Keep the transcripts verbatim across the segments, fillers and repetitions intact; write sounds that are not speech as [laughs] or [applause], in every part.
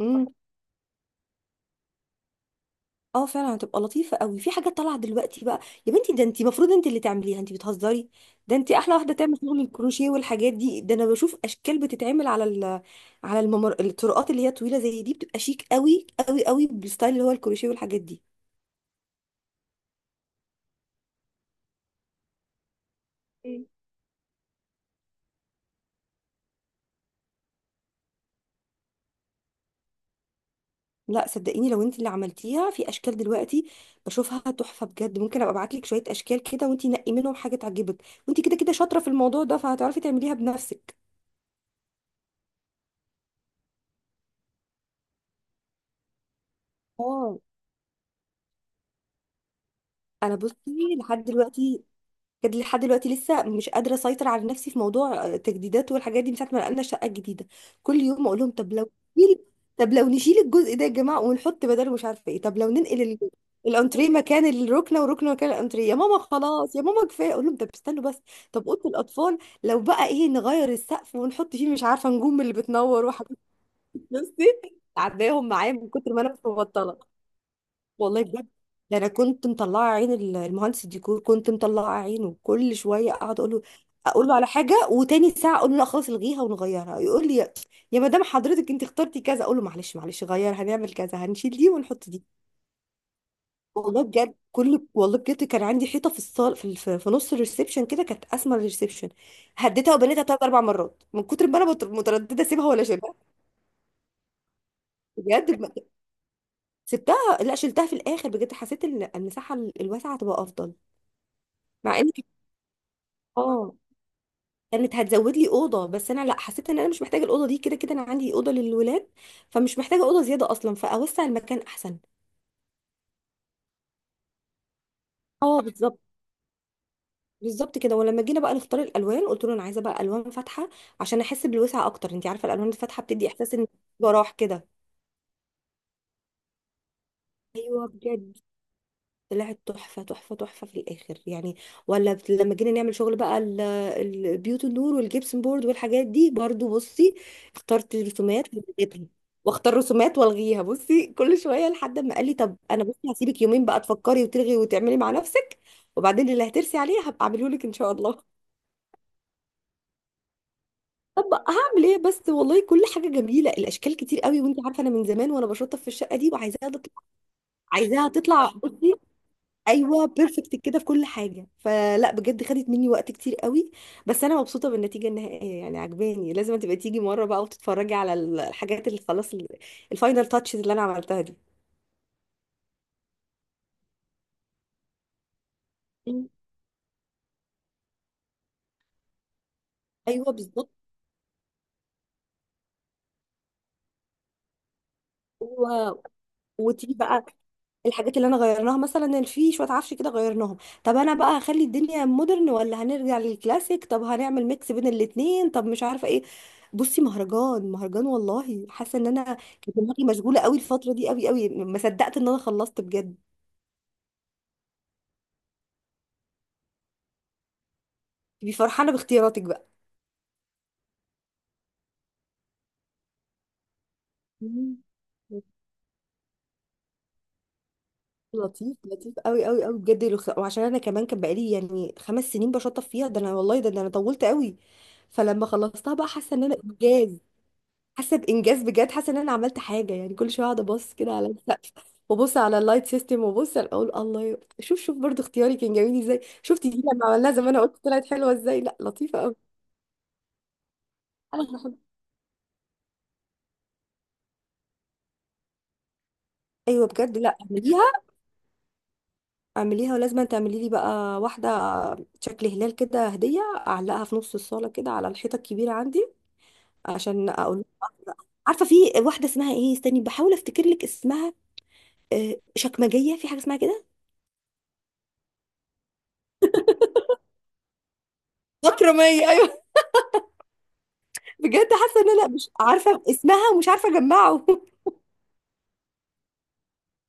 امم اه، فعلا هتبقى لطيفه قوي. في حاجه طالعه دلوقتي بقى. يا بنتي، ده انت المفروض انت اللي تعمليها، انت بتهزري. ده انت احلى واحده تعمل شغل الكروشيه والحاجات دي. ده انا بشوف اشكال بتتعمل على ال على الممر، الطرقات اللي هي طويله زي دي بتبقى شيك قوي قوي قوي بالستايل اللي هو الكروشيه والحاجات دي. مم. لا صدقيني، لو انت اللي عملتيها في اشكال دلوقتي بشوفها تحفه بجد. ممكن ابقى ابعت لك شويه اشكال كده وانت نقي منهم حاجه تعجبك، وانت كده كده شاطره في الموضوع ده فهتعرفي تعمليها بنفسك. اه، انا بصي، لحد دلوقتي بجد لحد دلوقتي لسه مش قادره اسيطر على نفسي في موضوع آه، تجديدات والحاجات دي من ساعه ما نقلنا الشقه الجديده. كل يوم اقول لهم طب لو نشيل طب لو نشيل الجزء ده يا جماعه، ونحط بداله مش عارفه ايه. طب لو ننقل ال... الانتريه مكان الركنه والركنه مكان الانتريه. يا ماما خلاص، يا ماما كفايه، اقول لهم طب استنوا بس. طب اوضه الاطفال، لو بقى ايه نغير السقف ونحط فيه مش عارفه نجوم اللي بتنور وحاجات. بصي، عداهم معايا من كتر ما انا مش مبطله. والله بجد، ده انا كنت مطلعه عين ال- المهندس الديكور، كنت مطلعه عينه كل شويه اقعد اقول له اقول له على حاجه، وتاني ساعه اقول له لا خلاص الغيها ونغيرها. يقول لي يا يا مدام حضرتك انت اخترتي كذا، اقول له معلش معلش، غير هنعمل كذا، هنشيل دي ونحط دي. والله بجد كل والله بجد كان عندي حيطه في الصال في, في, في نص الريسبشن، كده كانت اسمى الريسبشن. هديتها وبنيتها ثلاث اربع مرات من كتر ما انا مت- متردده اسيبها ولا شيلها. بجد ب- سبتها، لا شلتها في الاخر. بجد حسيت ان المساحه الواسعه هتبقى افضل. مع ان اه كانت هتزود لي اوضه، بس انا لا، حسيت ان انا مش محتاجه الاوضه دي. كده كده انا عندي اوضه للولاد، فمش محتاجه اوضه زياده اصلا، فاوسع المكان احسن. اه بالظبط. بالظبط كده. ولما جينا بقى نختار الالوان قلت له انا عايزه بقى الوان فاتحه عشان احس بالوسع اكتر. انت عارفه الالوان الفاتحه بتدي احساس ان براح كده. ايوه بجد. طلعت تحفة تحفة تحفة في الآخر يعني. ولا بت- لما جينا نعمل شغل بقى ال- ال- البيوت النور والجبسن بورد والحاجات دي برضو بصي، اخترت رسومات والغيتها، واختار رسومات والغيها بصي كل شوية، لحد ما قال لي طب انا بصي هسيبك يومين بقى تفكري وتلغي وتعملي مع نفسك، وبعدين اللي هترسي عليه هبقى اعمله لك ان شاء الله. طب هعمل ايه بس والله، كل حاجة جميلة، الاشكال كتير قوي، وانت عارفة انا من زمان وانا بشطف في الشقة دي وعايزاها تطلع. عايزاها تطلع بصي، ايوه بيرفكت كده في كل حاجه. فلا بجد، خدت مني وقت كتير قوي، بس انا مبسوطه بالنتيجه النهائيه، يعني عجباني. لازم تبقى تيجي مره بقى وتتفرجي على ال- الحاجات اللي خلاص ال- الفاينل تاتشز اللي انا عملتها دي. مم. ايوه بالظبط. و... وتيجي بقى الحاجات اللي انا غيرناها مثلا، اللي فيه شويه عفش كده غيرناهم. طب انا بقى هخلي الدنيا مودرن ولا هنرجع للكلاسيك؟ طب هنعمل ميكس بين الاتنين؟ طب مش عارفه ايه. بصي مهرجان مهرجان والله. حاسه ان انا كانت دماغي مشغوله قوي الفتره دي قوي قوي، ما صدقت ان انا خلصت بجد. تبقي فرحانه باختياراتك بقى. [laughs] مم. لطيف لطيف قوي قوي قوي بجد. الخ- وعشان انا كمان كان بقالي يعني خمس سنين بشطف فيها، ده انا والله ده, ده انا طولت قوي. فلما خلصتها بقى حاسه ان انا انجاز. حاسه بانجاز بجد، حاسه ان انا عملت حاجه يعني. كل شويه اقعد ابص كده على السقف، وابص على اللايت سيستم، وابص على- اقول الله شوف شوف برضو اختياري كان جميل ازاي. شفتي دي لما عملناها زمان قلت طلعت حلوه ازاي؟ لا لطيفه قوي. انا بحب. ايوه بجد، لا اعمليها. اعمليها، ولازم تعملي لي بقى واحده شكل هلال كده هديه، اعلقها في نص الصاله كده على الحيطه الكبيره عندي، عشان اقول. عارفه في واحده اسمها ايه، استني بحاول افتكر لك اسمها. آه، شكمجيه، في حاجه اسمها كده. اكرميه، ايوه. بجد حاسه ان انا مش عارفه اسمها ومش عارفه اجمعه. [laughs]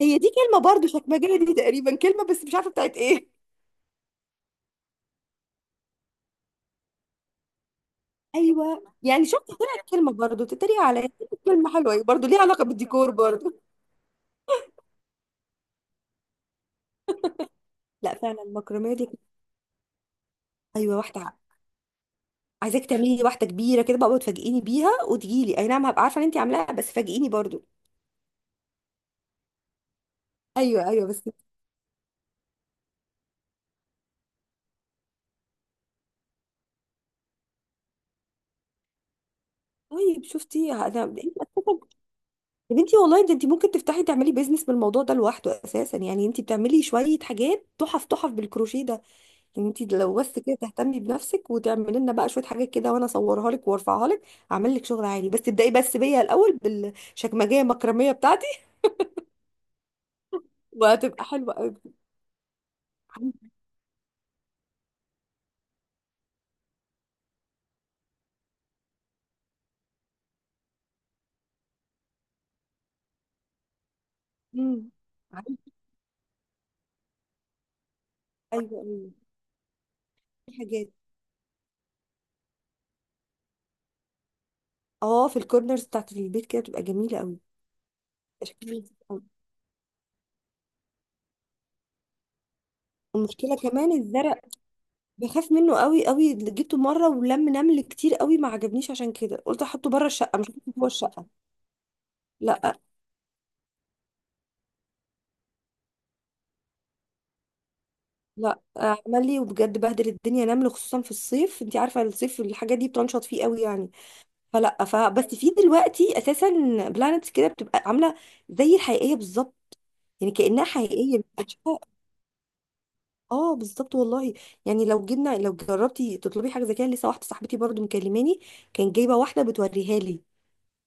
هي دي كلمه برضو، شكمجيه دي تقريبا كلمه بس مش عارفه بتاعت ايه. ايوه، يعني شفت طلعت كلمه برضو تتريق عليا. كلمه حلوه برضو، ليها علاقه بالديكور برضو. لا فعلا، المكرميه دي. ايوه واحده، عايزاك تعملي لي واحده كبيره كده بقى وتفاجئيني بيها، وتجي لي اي نعم هبقى عارفه ان انت عاملاها، بس فاجئيني برضو. ايوه ايوه بس. طيب شفتي انا انت أساساً. يا بنتي والله ده انت ممكن تفتحي تعملي بيزنس بالموضوع ده لوحده اساسا. يعني انت بتعملي شويه حاجات تحف تحف بالكروشيه ده. انتي لو بس كده تهتمي بنفسك وتعملي لنا بقى شويه حاجات كده، وانا اصورها لك وارفعها لك. اعمل لك شغل عالي، بس ابدأي بس بيا الاول بالشكمجيه المكرميه بتاعتي. [laughs] وهتبقى حلوه قوي. امم، عارفة، ايوه ايوه. في حاجات، اه، في الكورنرز بتاعت البيت كده بتبقى جميله قوي. شكلها حلو. المشكله كمان الزرق، بخاف منه قوي قوي. اللي جبته مره ولم نمل كتير قوي، ما عجبنيش، عشان كده قلت احطه بره الشقه مش هحطه جوه الشقه. لا، لا عمل لي وبجد بهدل الدنيا نمل، خصوصا في الصيف. انت عارفه الصيف الحاجات دي بتنشط فيه قوي يعني. فلا، ف بس في دلوقتي اساسا بلانتس كده بتبقى عامله زي الحقيقيه بالظبط، يعني كانها حقيقيه مش بتشوفها. اه بالظبط والله. يعني لو جبنا، لو جربتي تطلبي حاجه زي كده، لسه واحده صاحبتي برضو مكلماني كان جايبه واحده بتوريها لي.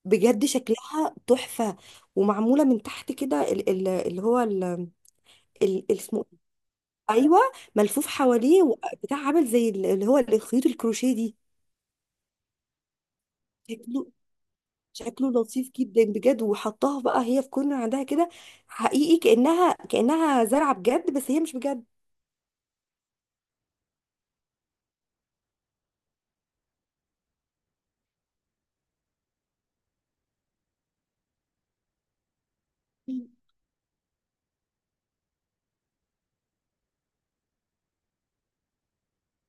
بجد شكلها تحفه. ومعموله من تحت كده ال- ال- اللي هو ال- ال- اسمه، ايوه، ملفوف حواليه و- بتاع عامل زي ال- اللي هو ال- خيوط الكروشيه دي. شكله، شكله لطيف جدا بجد. وحطاها بقى هي في كورنر عندها كده، حقيقي كأنها كأنها زرعة بجد بس هي مش بجد. مم.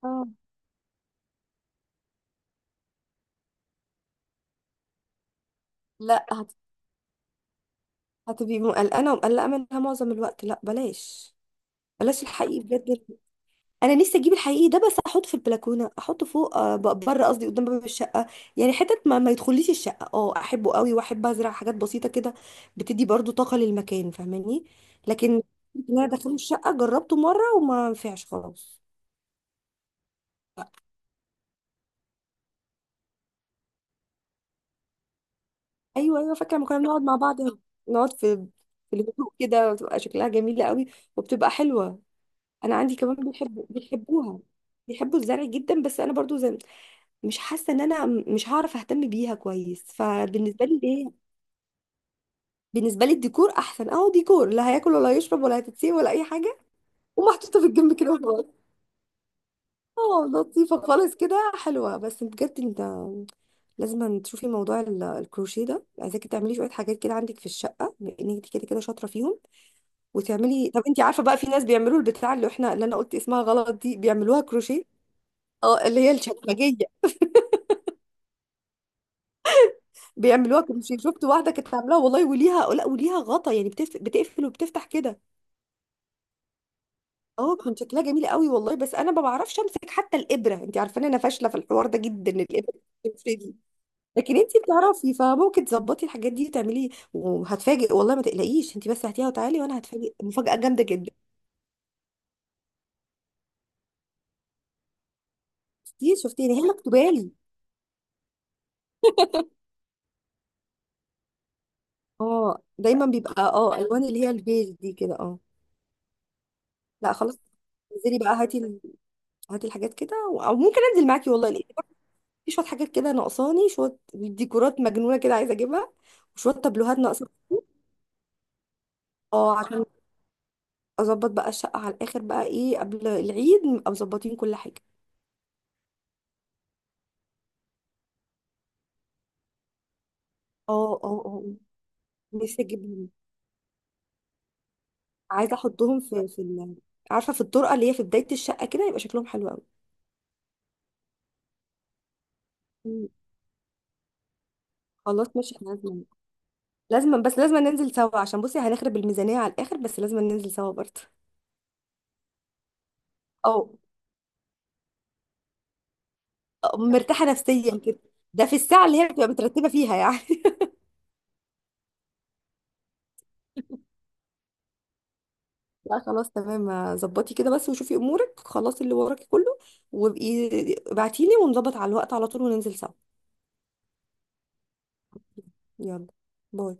اه لا هت... هتبقي قلقانة ومقلقة منها معظم الوقت، لا بلاش. بلاش الحقيقي بجد. انا نفسي اجيب الحقيقي ده بس احطه في البلكونه، احطه فوق، آه، ب- بره قصدي، قدام باب الشقه، يعني حتت ما, ما يدخليش الشقه. اه احبه قوي، واحب ازرع حاجات بسيطه كده، بتدي برضو طاقه للمكان، فاهماني. لكن إن انا داخله الشقه جربته مره وما نفعش خلاص. ايوه ايوه، فاكره لما كنا بنقعد مع بعض، نقعد في في الهدوء كده، بتبقى شكلها جميله قوي وبتبقى حلوه. انا عندي كمان بيحبوا بيحبوها، بيحبوا الزرع جدا. بس انا برضو زي، مش حاسه ان انا مش هعرف اهتم بيها كويس. فبالنسبه لي، بالنسبه لي الديكور احسن، اهو ديكور لا هياكل ولا هيشرب ولا هتتسيب ولا اي حاجه، ومحطوطه في الجنب كده وخلاص. اه لطيفه خالص كده حلوه. بس بجد انت لازم تشوفي موضوع ال- الكروشيه ده، عايزاكي تعملي شويه حاجات كده عندك في الشقه، بما انك انت كده كده شاطره فيهم. وتعملي، طب انت عارفه بقى في ناس بيعملوا البتاع، اللي احنا اللي انا قلت اسمها غلط دي، بيعملوها كروشيه. اه اللي هي الشكمجيه، بيعملوها كروشيه. شفت واحده كانت عاملاها والله، وليها، لا وليها غطا يعني بتف... بتقفل وبتفتح كده. اه كان شكلها جميل قوي والله. بس انا ما بعرفش امسك حتى الابره، انت عارفه ان انا فاشله في الحوار ده جدا، الابره بتفردي. لكن انت بتعرفي فممكن تظبطي الحاجات دي وتعملي، وهتفاجئ والله، ما تقلقيش، انت بس هاتيها وتعالي وانا هتفاجئ مفاجاه جامده جدا. شفتي، شفتيني هي مكتوبه لي. اه دايما بيبقى، اه الوان اللي هي البيج دي كده، اه. لا خلاص. انزلي بقى، هاتي ال- هاتي الحاجات كده، و- او ممكن انزل معاكي والله، لان برضه في شويه حاجات كده ناقصاني، شويه ديكورات مجنونه كده عايزه اجيبها، وشويه تابلوهات ناقصه. اه عشان اظبط بقى الشقه على الاخر بقى ايه، قبل العيد نبقى مظبطين كل حاجه. اه اه اه، نفسي اجيبهم. عايزه احطهم في في ال... عارفه، في الطرقه اللي هي في بدايه الشقه كده، يبقى شكلهم حلو قوي. مم. خلاص ماشي، احنا لازم، لازم بس لازم ننزل سوا، عشان بصي هنخرب الميزانيه على الاخر، بس لازم ننزل سوا برضه. او، أو مرتاحه نفسيا كده. ده في الساعه اللي هي بتبقى مترتبه فيها يعني. [laughs] لا خلاص تمام، ظبطي كده بس وشوفي امورك، خلاص اللي وراكي كله، وابقي ابعتيلي ونظبط على الوقت على طول، وننزل سوا. يلا. باي.